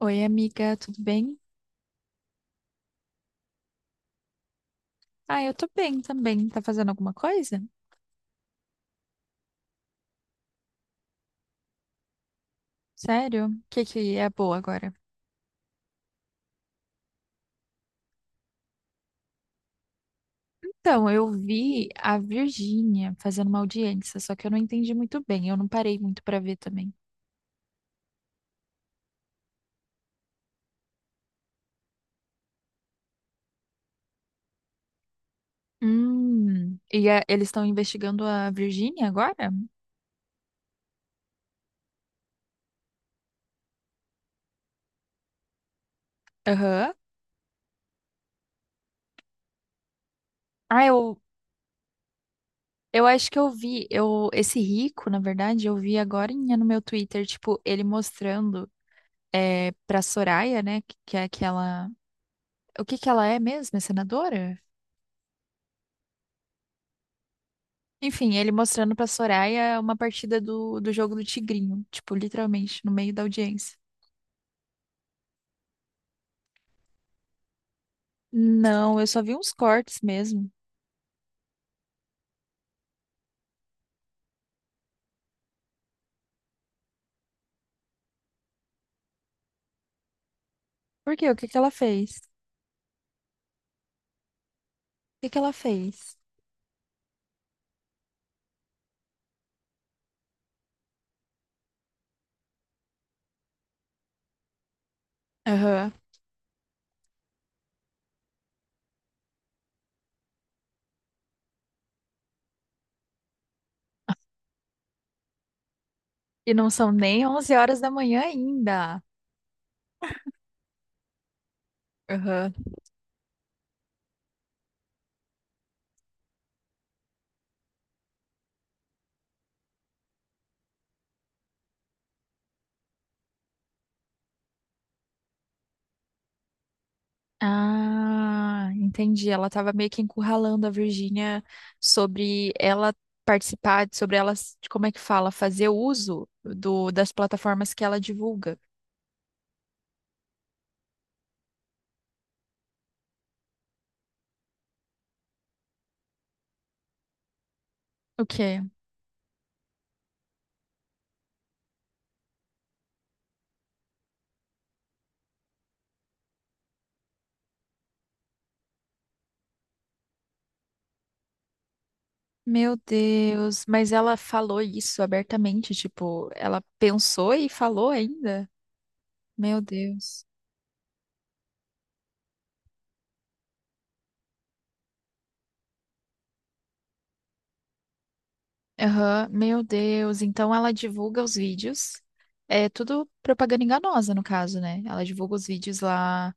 Oi, amiga, tudo bem? Ah, eu tô bem também. Tá fazendo alguma coisa? Sério? O que é boa agora? Então, eu vi a Virgínia fazendo uma audiência, só que eu não entendi muito bem. Eu não parei muito pra ver também. Eles estão investigando a Virgínia agora? Aham. Ah, eu, eu acho que eu vi, eu, esse rico, na verdade, eu vi agora no meu Twitter, tipo, ele mostrando pra Soraya, né, que é aquela... O que que ela é mesmo? É senadora? Enfim, ele mostrando pra Soraya uma partida do jogo do Tigrinho, tipo, literalmente, no meio da audiência. Não, eu só vi uns cortes mesmo. Por quê? O que que ela fez? O que que ela fez? Aham. E não são nem 11 horas da manhã ainda. Aham. Ah, entendi. Ela tava meio que encurralando a Virgínia sobre ela participar, sobre ela, como é que fala, fazer uso das plataformas que ela divulga. O quê? Meu Deus, mas ela falou isso abertamente, tipo, ela pensou e falou ainda? Meu Deus. Aham, meu Deus. Então ela divulga os vídeos. É tudo propaganda enganosa, no caso, né? Ela divulga os vídeos lá,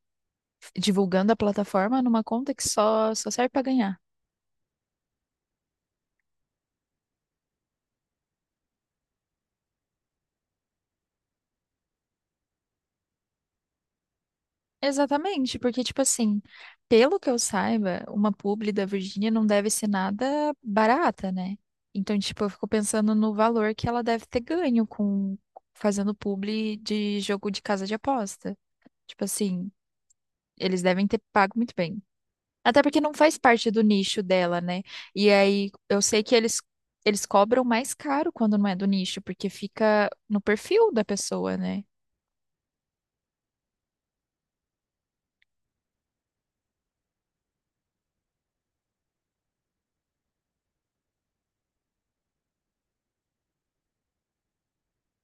divulgando a plataforma numa conta que só serve pra ganhar. Exatamente, porque, tipo assim, pelo que eu saiba, uma publi da Virgínia não deve ser nada barata, né? Então, tipo, eu fico pensando no valor que ela deve ter ganho com fazendo publi de jogo de casa de aposta. Tipo assim, eles devem ter pago muito bem. Até porque não faz parte do nicho dela, né? E aí, eu sei que eles cobram mais caro quando não é do nicho, porque fica no perfil da pessoa, né?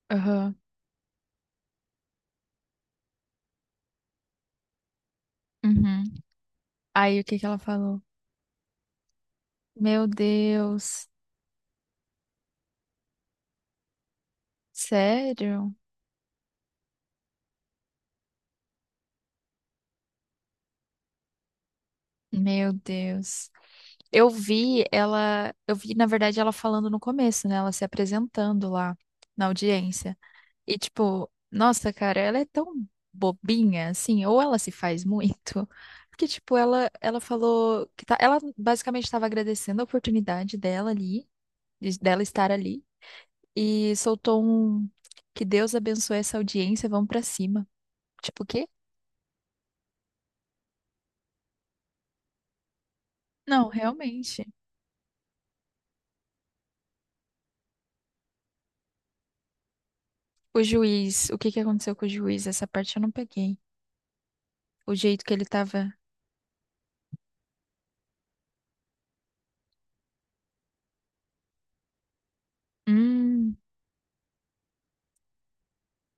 Aham. Uhum. Aí, o que que ela falou? Meu Deus, sério? Meu Deus. Eu vi, na verdade, ela falando no começo, né? Ela se apresentando lá na audiência. E tipo, nossa, cara, ela é tão bobinha, assim, ou ela se faz muito, porque tipo, ela falou que tá, ela basicamente estava agradecendo a oportunidade dela ali, dela estar ali, e soltou um que Deus abençoe essa audiência, vamos pra cima. Tipo, o quê? Não, realmente. O juiz, o que que aconteceu com o juiz? Essa parte eu não peguei. O jeito que ele tava. Hum,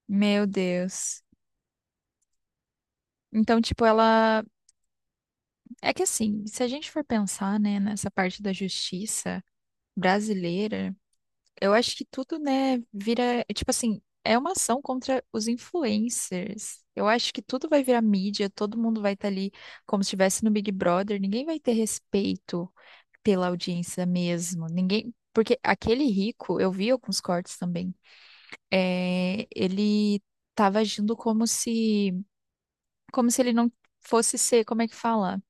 meu Deus. Então, tipo, ela. É que assim, se a gente for pensar, né, nessa parte da justiça brasileira, eu acho que tudo, né, vira. Tipo assim, é uma ação contra os influencers. Eu acho que tudo vai virar mídia, todo mundo vai estar ali como se estivesse no Big Brother, ninguém vai ter respeito pela audiência mesmo. Ninguém. Porque aquele rico, eu vi alguns cortes também ele estava agindo como se ele não fosse ser, como é que fala?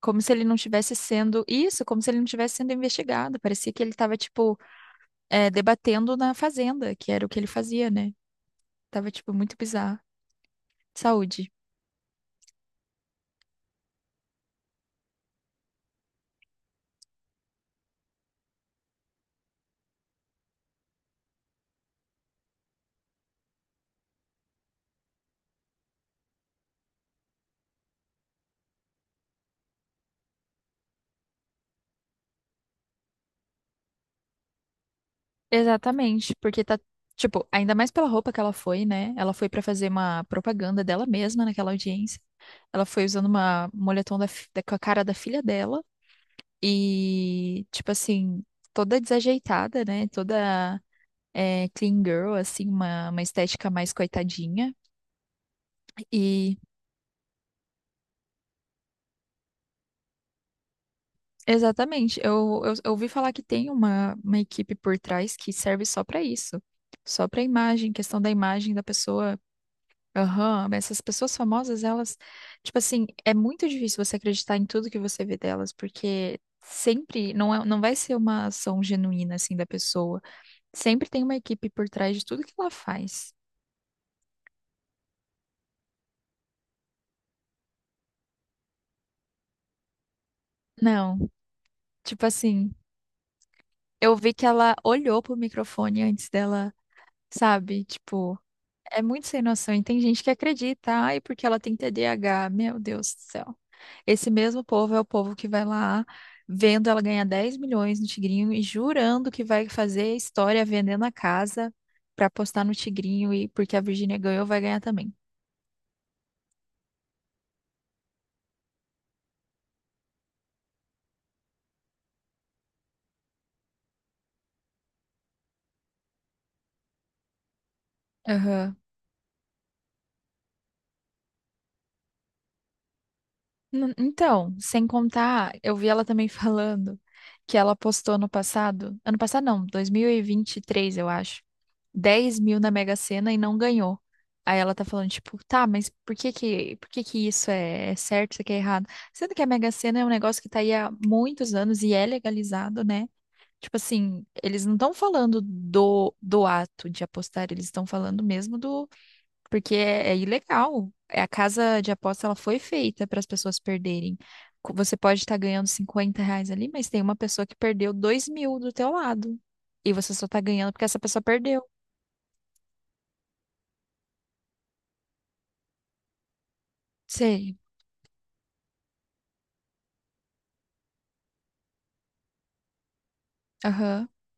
Como se ele não tivesse sendo isso, como se ele não tivesse sendo investigado. Parecia que ele estava tipo debatendo na fazenda, que era o que ele fazia, né? Tava tipo muito bizarro. Saúde. Exatamente, porque tá tipo, ainda mais pela roupa que ela foi, né? Ela foi pra fazer uma propaganda dela mesma naquela audiência. Ela foi usando uma um moletom da, com a cara da filha dela. E, tipo assim, toda desajeitada, né? Toda clean girl, assim, uma estética mais coitadinha. E, exatamente, eu ouvi falar que tem uma equipe por trás que serve só pra isso. Só pra imagem, questão da imagem da pessoa. Aham, mas essas pessoas famosas, elas, tipo assim, é muito difícil você acreditar em tudo que você vê delas, porque sempre não vai ser uma ação genuína, assim, da pessoa. Sempre tem uma equipe por trás de tudo que ela faz. Não, tipo assim, eu vi que ela olhou pro microfone antes dela, sabe? Tipo, é muito sem noção. E tem gente que acredita, ai, porque ela tem TDAH. Meu Deus do céu. Esse mesmo povo é o povo que vai lá vendo ela ganhar 10 milhões no Tigrinho e jurando que vai fazer história vendendo a casa pra postar no Tigrinho e porque a Virgínia ganhou, vai ganhar também. Aham. Então, sem contar, eu vi ela também falando que ela postou ano passado não, 2023, eu acho, 10 mil na Mega Sena e não ganhou. Aí ela tá falando, tipo, tá, mas por que que isso é certo, isso aqui é errado? Sendo que a Mega Sena é um negócio que tá aí há muitos anos e é legalizado, né? Tipo assim, eles não estão falando do ato de apostar, eles estão falando mesmo porque é ilegal. É, a casa de aposta ela foi feita para as pessoas perderem. Você pode estar ganhando 50 reais ali, mas tem uma pessoa que perdeu 2 mil do teu lado. E você só tá ganhando porque essa pessoa perdeu. Sei. Aham.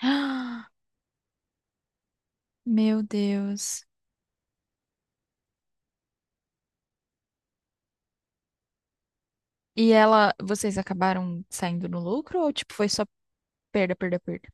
Ah, meu Deus. E ela, vocês acabaram saindo no lucro ou tipo foi só perda, perda, perda?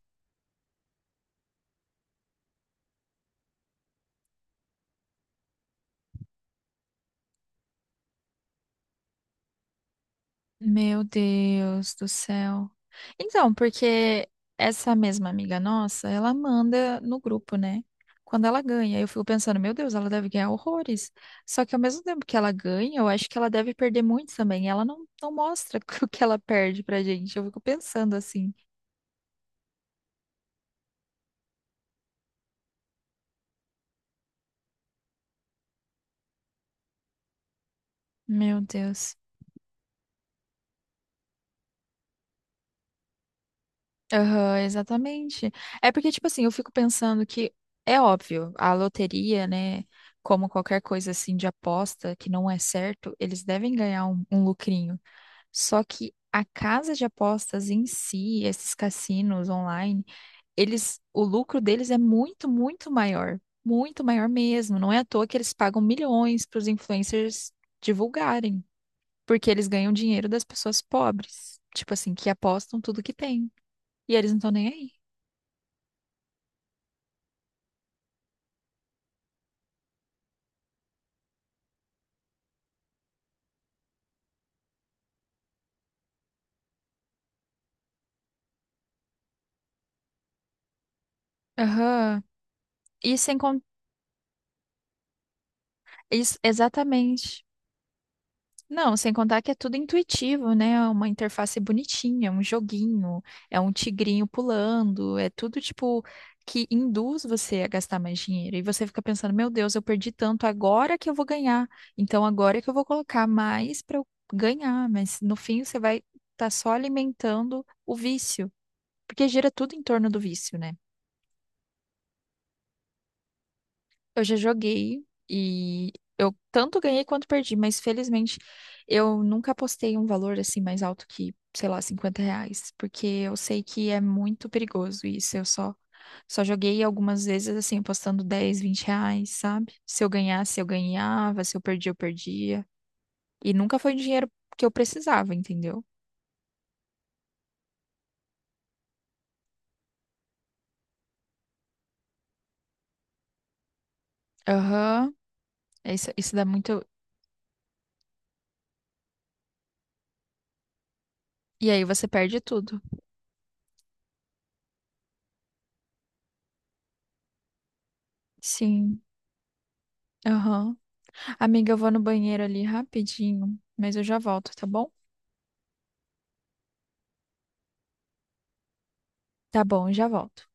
Meu Deus do céu. Então, porque essa mesma amiga nossa, ela manda no grupo, né? Quando ela ganha, eu fico pensando, meu Deus, ela deve ganhar horrores. Só que ao mesmo tempo que ela ganha, eu acho que ela deve perder muito também. Ela não, não mostra o que ela perde pra gente. Eu fico pensando assim, meu Deus. Aham, exatamente. É porque, tipo assim, eu fico pensando que é óbvio, a loteria, né? Como qualquer coisa assim de aposta que não é certo, eles devem ganhar um lucrinho. Só que a casa de apostas em si, esses cassinos online, eles, o lucro deles é muito, muito maior. Muito maior mesmo. Não é à toa que eles pagam milhões para os influencers divulgarem, porque eles ganham dinheiro das pessoas pobres, tipo assim, que apostam tudo que tem. E eles não estão nem aí. Aham. E sem contar. Isso, exatamente. Não, sem contar que é tudo intuitivo, né? É uma interface bonitinha, é um joguinho, é um tigrinho pulando, é tudo tipo que induz você a gastar mais dinheiro. E você fica pensando, meu Deus, eu perdi tanto, agora que eu vou ganhar. Então agora que eu vou colocar mais para eu ganhar. Mas no fim você vai estar só alimentando o vício, porque gira tudo em torno do vício, né? Eu já joguei e eu tanto ganhei quanto perdi, mas felizmente eu nunca apostei um valor assim mais alto que, sei lá, 50 reais, porque eu sei que é muito perigoso isso. Só joguei algumas vezes assim, apostando 10, 20 reais, sabe? Se eu ganhasse, eu ganhava, se eu perdia, eu perdia. E nunca foi o dinheiro que eu precisava, entendeu? Aham, isso dá muito. E aí você perde tudo. Sim, aham. Amiga, eu vou no banheiro ali rapidinho, mas eu já volto, tá bom? Tá bom, já volto.